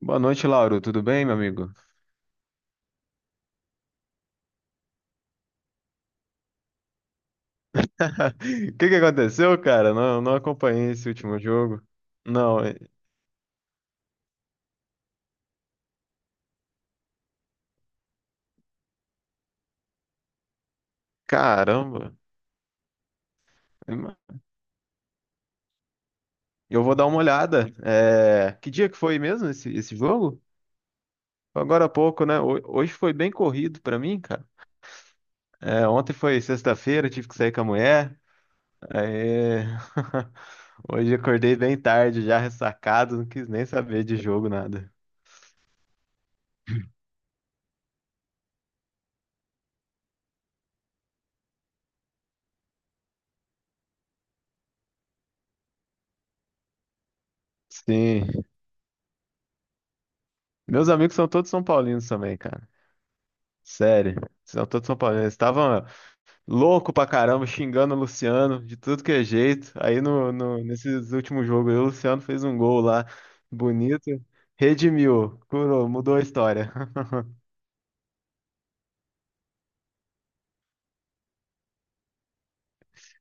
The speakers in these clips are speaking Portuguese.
Boa noite, Lauro. Tudo bem, meu amigo? O que que aconteceu, cara? Não, não acompanhei esse último jogo. Não, caramba. Eu vou dar uma olhada. É, que dia que foi mesmo esse jogo? Foi agora há pouco, né? Hoje foi bem corrido pra mim, cara. É, ontem foi sexta-feira, tive que sair com a mulher. Aí. Hoje acordei bem tarde, já ressacado, não quis nem saber de jogo, nada. Sim. Meus amigos são todos São Paulinos também, cara. Sério. São todos São Paulinos. Estavam. Louco pra caramba, xingando o Luciano de tudo que é jeito. Aí no, no, nesses últimos jogos, aí o Luciano fez um gol lá, bonito, redimiu, curou, mudou a história.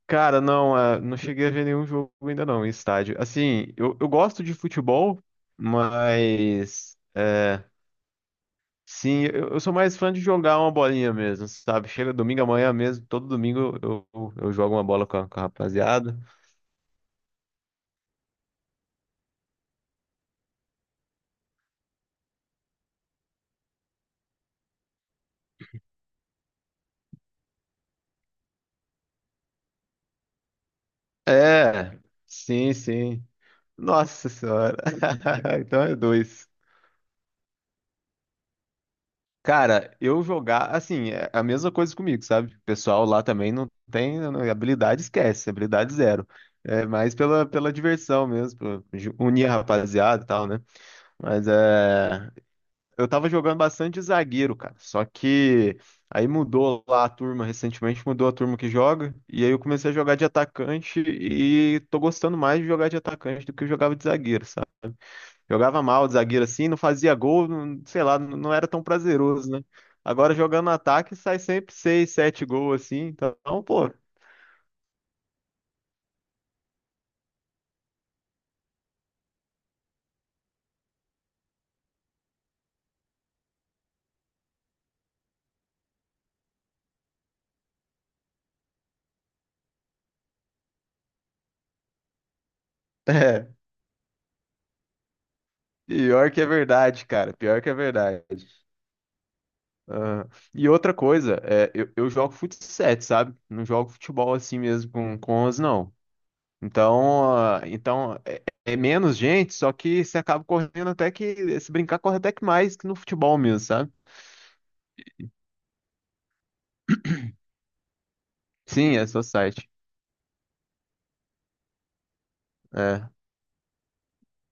Cara, não, não cheguei a ver nenhum jogo ainda não, em estádio. Assim, eu gosto de futebol, mas sim, eu sou mais fã de jogar uma bolinha mesmo, sabe? Chega domingo amanhã mesmo, todo domingo eu jogo uma bola com a rapaziada. É, sim, sim. Nossa senhora. Então é dois. Cara, eu jogar, assim, é a mesma coisa comigo, sabe? O pessoal lá também não tem habilidade, esquece, habilidade zero. É mais pela diversão mesmo, pra unir a rapaziada e tal, né? Mas é. Eu tava jogando bastante de zagueiro, cara. Só que aí mudou lá a turma, recentemente mudou a turma que joga. E aí eu comecei a jogar de atacante e tô gostando mais de jogar de atacante do que eu jogava de zagueiro. Jogava mal de zagueiro assim, não fazia gol, sei lá, não era tão prazeroso, né? Agora jogando no ataque sai sempre seis, sete gols assim, então, pô, é, pior que é verdade, cara, pior que é verdade. Ah, e outra coisa, eu jogo fut 7, sabe? Não jogo futebol assim mesmo com 11, não. Então é menos gente, só que você acaba correndo até que, se brincar, corre até que mais que no futebol mesmo, sabe? Sim, é só site.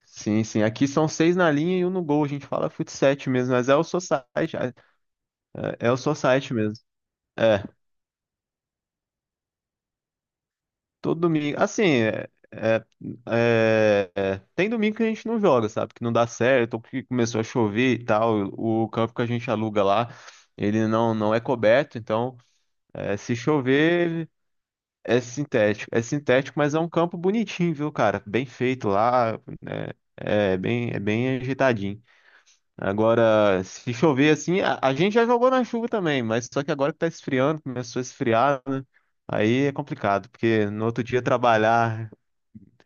Sim, sim. Aqui são seis na linha e um no gol. A gente fala fut 7 mesmo, mas é o society. É o society mesmo. É, todo domingo. Assim, tem domingo que a gente não joga, sabe? Que não dá certo, ou que começou a chover e tal. O campo que a gente aluga lá, ele não é coberto, então se chover. É sintético, mas é um campo bonitinho, viu, cara? Bem feito lá, né? É bem ajeitadinho. Agora, se chover assim, a gente já jogou na chuva também, mas só que agora que tá esfriando, começou a esfriar, né? Aí é complicado, porque no outro dia trabalhar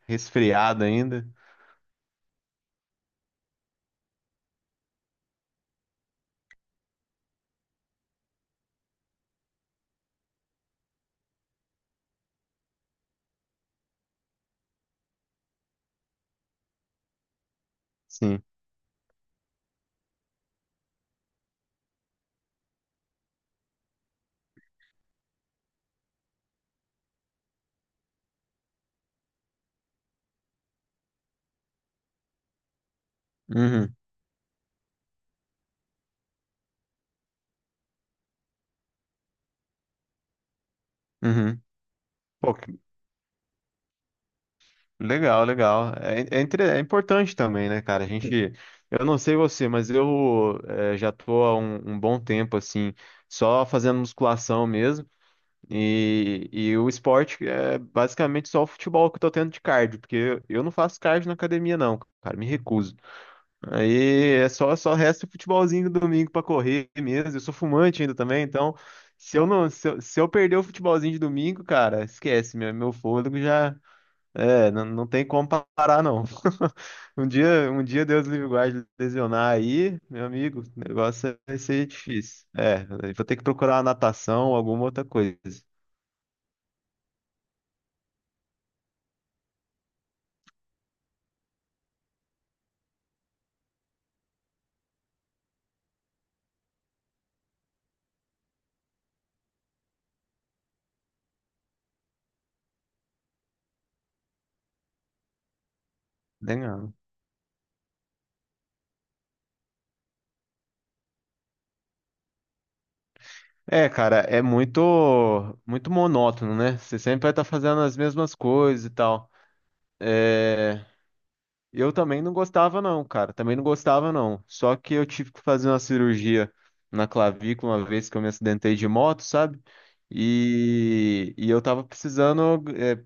resfriado ainda. Sim. Uhum, uhum. Pô, legal, legal. É importante também, né, cara? A gente. Eu não sei você, mas eu já tô há um bom tempo, assim, só fazendo musculação mesmo. E o esporte é basicamente só o futebol que eu tô tendo de cardio, porque eu não faço cardio na academia, não, cara, me recuso. Aí é só resta o futebolzinho do domingo pra correr mesmo. Eu sou fumante ainda também, então se eu não, se eu, se eu perder o futebolzinho de domingo, cara, esquece, meu fôlego já não tem como parar, não. Um dia Deus livre e guarde lesionar aí, meu amigo, o negócio vai ser difícil. É, vou ter que procurar uma natação ou alguma outra coisa. Né? É, cara, é muito muito monótono, né? Você sempre vai estar fazendo as mesmas coisas e tal. É, eu também não gostava não, cara. Também não gostava não. Só que eu tive que fazer uma cirurgia na clavícula uma vez que eu me acidentei de moto, sabe? E eu tava precisando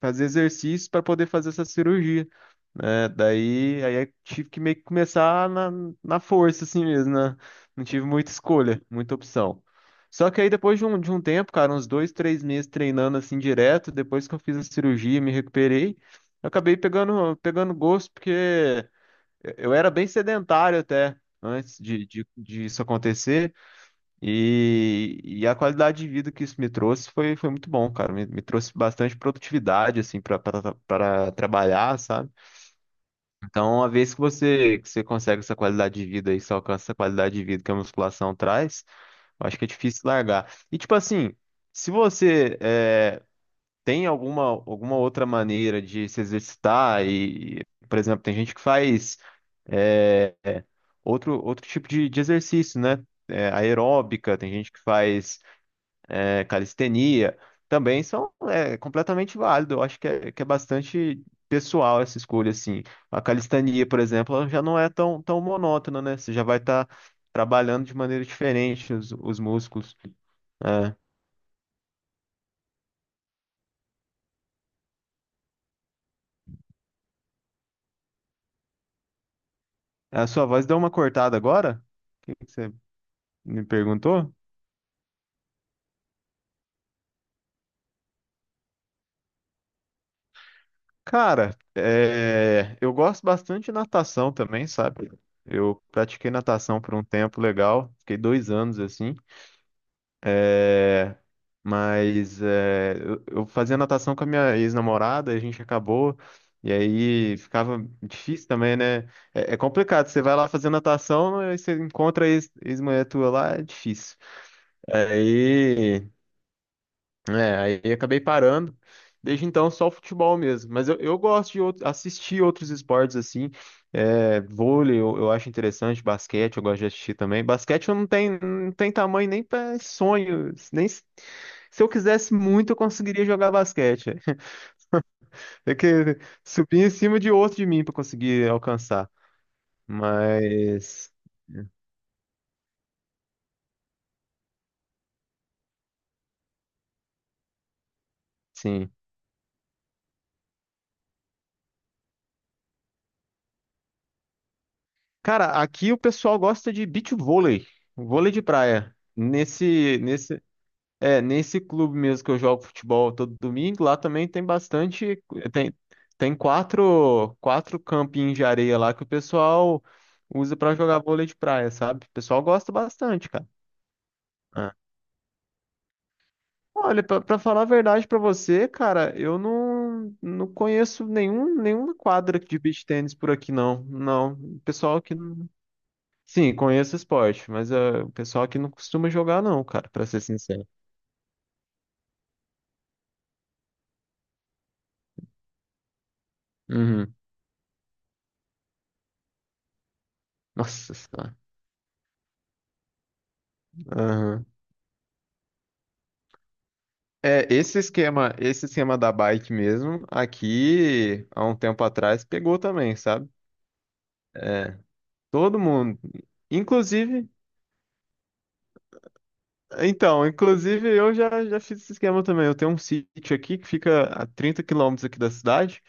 fazer exercícios para poder fazer essa cirurgia, né? Daí aí eu tive que meio que começar na força assim mesmo, né? Não tive muita escolha, muita opção. Só que aí depois de um tempo, cara, uns 2, 3 meses treinando assim direto, depois que eu fiz a cirurgia, e me recuperei, eu acabei pegando gosto porque eu era bem sedentário até antes de isso acontecer. E a qualidade de vida que isso me trouxe foi muito bom, cara. Me trouxe bastante produtividade, assim, para trabalhar, sabe? Então, uma vez que você consegue essa qualidade de vida e você alcança essa qualidade de vida que a musculação traz, eu acho que é difícil largar. E, tipo assim, se você tem alguma outra maneira de se exercitar por exemplo, tem gente que faz eh, outro tipo de exercício, né? Aeróbica, tem gente que faz calistenia, também são completamente válido. Eu acho que é bastante pessoal essa escolha, assim. A calistenia, por exemplo, ela já não é tão monótona, né? Você já vai estar trabalhando de maneira diferente os músculos. É. A sua voz deu uma cortada agora? O que que você me perguntou? Cara, é, eu gosto bastante de natação também, sabe? Eu pratiquei natação por um tempo legal, fiquei 2 anos assim. É, mas eu fazia natação com a minha ex-namorada, a gente acabou, e aí ficava difícil também, né? É, é complicado, você vai lá fazer natação, aí você encontra a ex, mulher tua lá, é difícil. Aí aí eu acabei parando. Desde então, só o futebol mesmo. Mas eu gosto de assistir outros esportes assim. É, vôlei eu acho interessante, basquete eu gosto de assistir também. Basquete eu não tenho, não tem tamanho nem para sonho. Nem, se eu quisesse muito, eu conseguiria jogar basquete. Tem que subir em cima de outro de mim para conseguir alcançar. Mas, sim. Cara, aqui o pessoal gosta de beach vôlei, vôlei de praia. Nesse clube mesmo que eu jogo futebol todo domingo, lá também tem bastante, tem, tem quatro campinhos de areia lá que o pessoal usa pra jogar vôlei de praia, sabe? O pessoal gosta bastante, cara. Ah. Olha, pra falar a verdade pra você, cara, eu não conheço nenhuma quadra de beach tênis por aqui, não. Não, o pessoal que. Sim, conheço esporte, mas o pessoal aqui não costuma jogar, não, cara, pra ser sincero. Uhum. Nossa senhora. É, esse esquema da bike mesmo, aqui há um tempo atrás pegou também, sabe? Todo mundo, inclusive, inclusive eu já fiz esse esquema também. Eu tenho um sítio aqui que fica a 30 quilômetros aqui da cidade,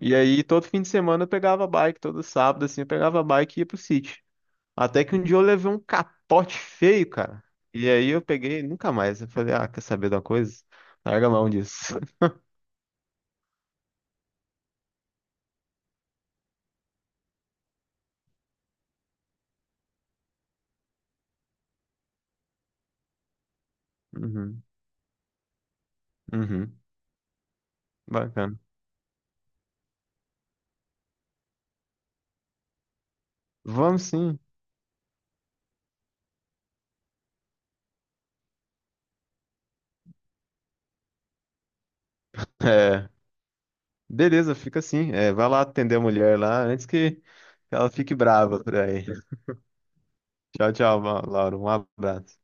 e aí todo fim de semana eu pegava a bike, todo sábado assim, eu pegava a bike e ia pro sítio. Até que um dia eu levei um capote feio, cara. E aí eu peguei, nunca mais. Eu falei, ah, quer saber de uma coisa? Larga a mão disso. Uhum, uhum, bacana. Vamos sim. É, beleza, fica assim. É, vai lá atender a mulher lá antes que ela fique brava por aí. Tchau, tchau, Laura. Um abraço.